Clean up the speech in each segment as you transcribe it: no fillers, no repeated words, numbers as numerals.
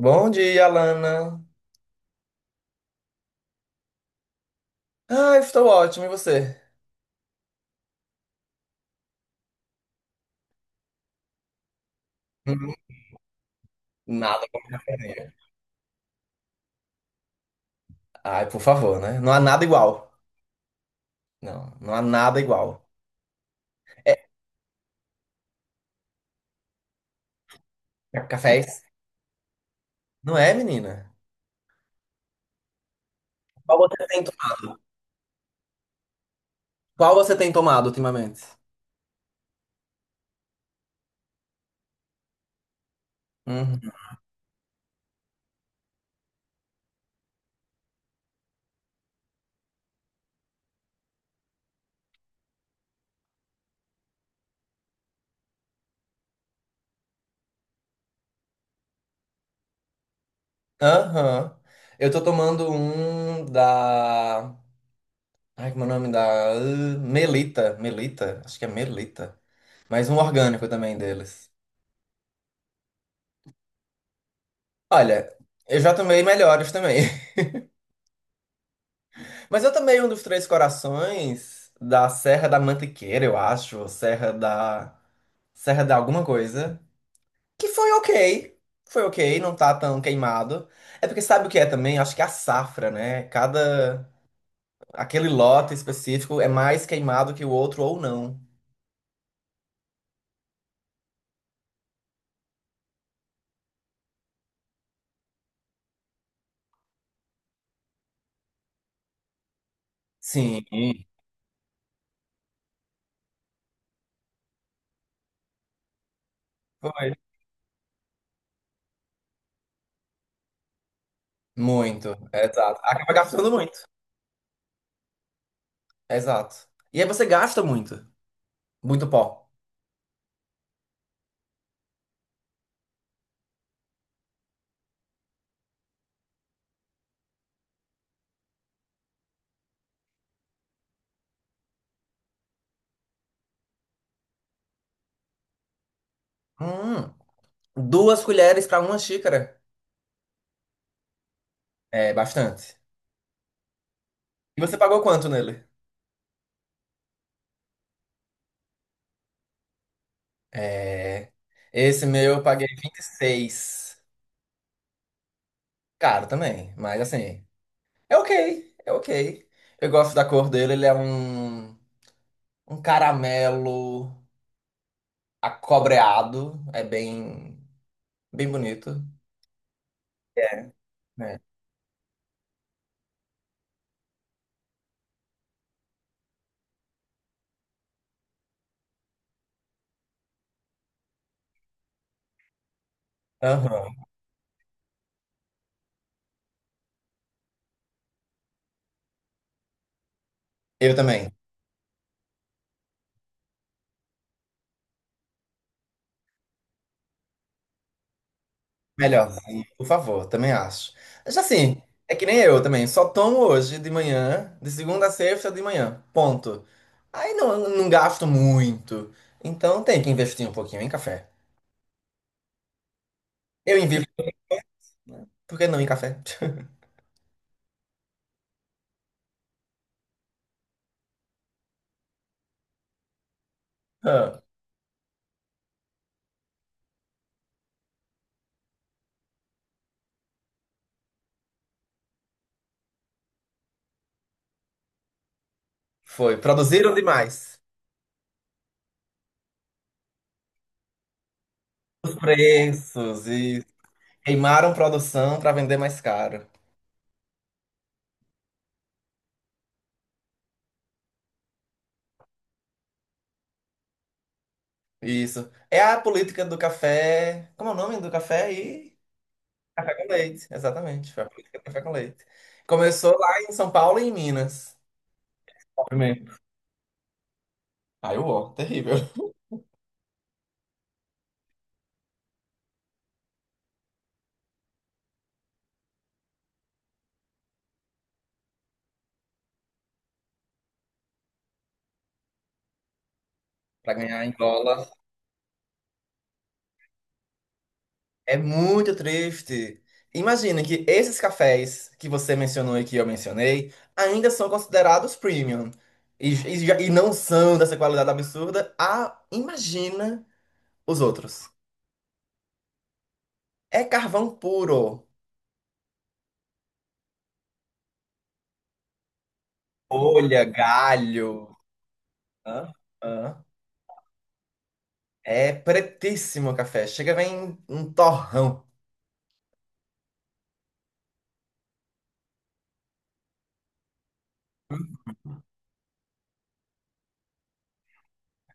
Bom dia, Alana. Ah, eu estou ótimo, e você? Hum. Nada como café negro. Ai, por favor, né? Não há nada igual. Não, não há nada igual. É, cafés? Não é, menina? Qual você tem tomado, Qual você tem tomado ultimamente? Uhum. Aham. Eu tô tomando um da. Ai, como é o nome da. Melita. Melita? Acho que é Melita. Mas um orgânico também deles. Olha, eu já tomei melhores também. Mas eu também, um dos Três Corações, da Serra da Mantiqueira, eu acho, ou Serra da alguma coisa, que foi ok, não tá tão queimado. É porque sabe o que é também? Acho que é a safra, né? Cada... aquele lote específico é mais queimado que o outro ou não. Sim, foi. Muito, é, exato. Acaba gastando muito. É, exato. E aí você gasta muito, muito pó. Hum, Duas colheres pra uma xícara. É bastante. E você pagou quanto nele? É. Esse meu eu paguei 26. Caro também, mas assim. É ok, é ok. Eu gosto da cor dele, ele é um caramelo acobreado. É bem, bem bonito. É. Né? Aham. Eu também. Melhorzinho, por favor, também acho. Mas assim, é que nem eu também, só tomo hoje de manhã, de segunda a sexta de manhã, ponto. Aí não, não gasto muito, então tem que investir um pouquinho em café. Eu invisto, por que não em café? Ah, foi, produziram demais. Os preços e queimaram produção para vender mais caro. Isso. É a política do café. Como é o nome do café? Café com leite, exatamente. Foi a política do café com leite. Começou lá em São Paulo e em Minas. Primeiro. Aí o ó, terrível. Pra ganhar em dólar. É muito triste. Imagina que esses cafés que você mencionou e que eu mencionei ainda são considerados premium. E não são dessa qualidade absurda. Ah, imagina os outros. É carvão puro. Folha, galho. Hã? Hã? É pretíssimo o café. Chega, vem um torrão.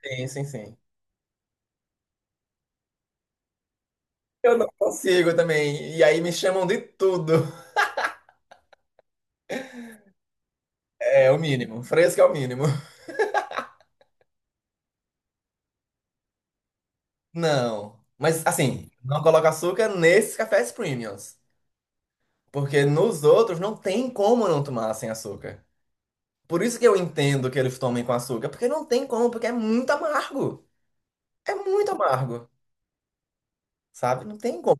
Sim, sim, sim. Eu não consigo também. E aí me chamam de tudo. É o mínimo. Fresco é o mínimo. Não. Mas assim, não coloco açúcar nesses cafés premiums. Porque nos outros não tem como não tomar sem açúcar. Por isso que eu entendo que eles tomem com açúcar. Porque não tem como, porque é muito amargo. É muito amargo. Sabe? Não tem como.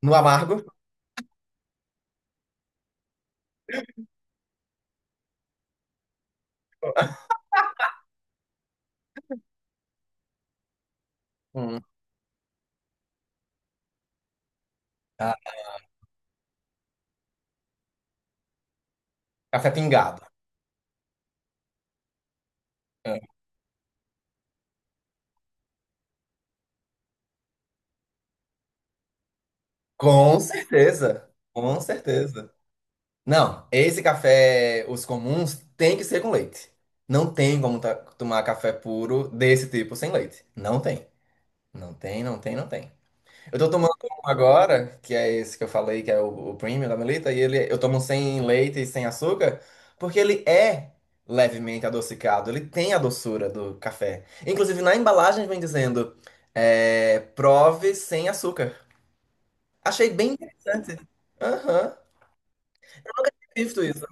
No amargo, hum, tá. Café pingado. É. Com certeza. Com certeza. Não, esse café, os comuns, tem que ser com leite. Não tem como tomar café puro desse tipo sem leite. Não tem. Não tem, não tem, não tem. Eu tô tomando um agora, que é esse que eu falei, que é o, premium da Melita, e ele, eu tomo sem leite e sem açúcar, porque ele é levemente adocicado. Ele tem a doçura do café. Inclusive, na embalagem vem dizendo, é, prove sem açúcar. Achei bem interessante. Aham. Eu nunca tinha visto isso.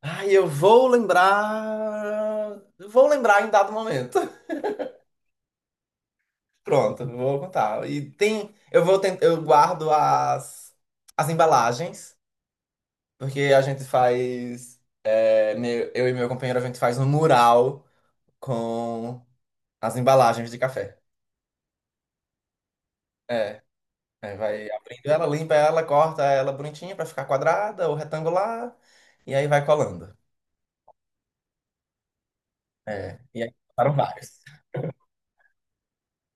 Ai, eu vou lembrar. Eu vou lembrar em dado momento. Pronto, vou contar. E tem. Eu vou tentar. Eu guardo as embalagens, porque a gente faz. Eu e meu companheiro, a gente faz um mural com as embalagens de café. É. Aí vai abrindo ela, limpa ela, corta ela bonitinha pra ficar quadrada ou retangular. E aí vai colando. É. E aí ficaram vários.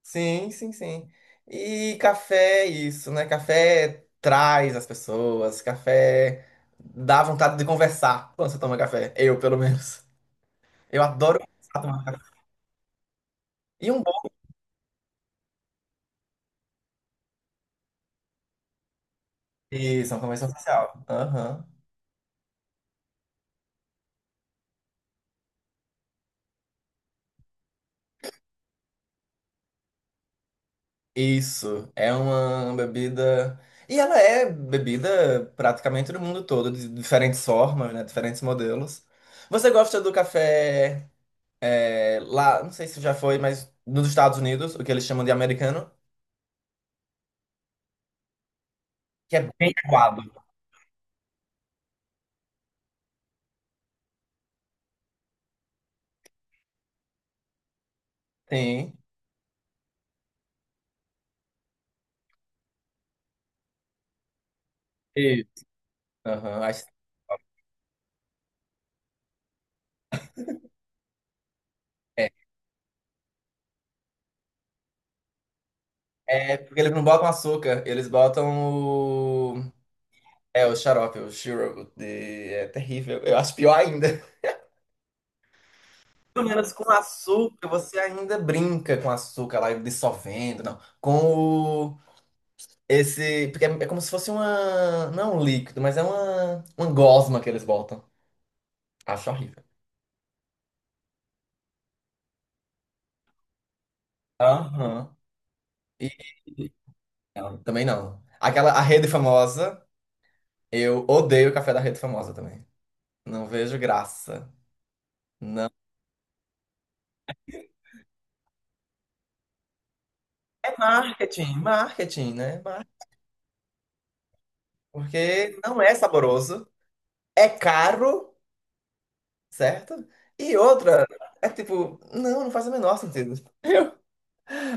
Sim, sim, sim. E café, é isso, né? Café traz as pessoas, café dá vontade de conversar quando você toma café. Eu, pelo menos. Eu adoro conversar, tomar café. E um bom. Isso, é uma convenção social. Aham. Isso, é uma bebida. E ela é bebida praticamente do mundo todo, de diferentes formas, né? Diferentes modelos. Você gosta do café lá, não sei se já foi, mas nos Estados Unidos, o que eles chamam de americano? Que é bem aguado. Sim. Isso. Aham. Acho- é. É porque eles não botam açúcar, eles botam o. É, o xarope, o shiro. É terrível. Eu acho pior ainda. Pelo menos com açúcar, você ainda brinca com açúcar lá dissolvendo, não. Com o. Esse. Porque é, como se fosse uma. Não é um líquido, mas é uma. Uma gosma que eles botam. Acho horrível. Aham. E. Não, também não. Aquela. A rede famosa. Eu odeio o café da rede famosa também. Não vejo graça. Não. É marketing, marketing, né? Mar- porque não é saboroso, é caro, certo? E outra, é tipo, não, não faz o menor sentido. Eu-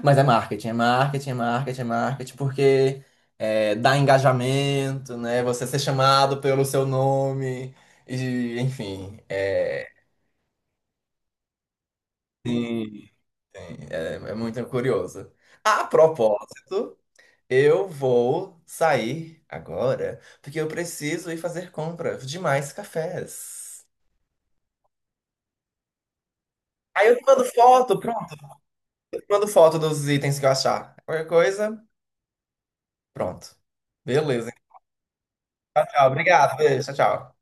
mas é marketing, é marketing, é marketing, é marketing, porque dá engajamento, né? Você ser chamado pelo seu nome, e, enfim, é, sim, sim, é, muito curioso. A propósito. Eu vou sair agora, porque eu preciso ir fazer compra de mais cafés. Aí eu te mando foto, pronto. Eu te mando foto dos itens que eu achar. Qualquer coisa, pronto. Beleza. Tchau, tchau. Obrigado. Beijo. Tchau, tchau.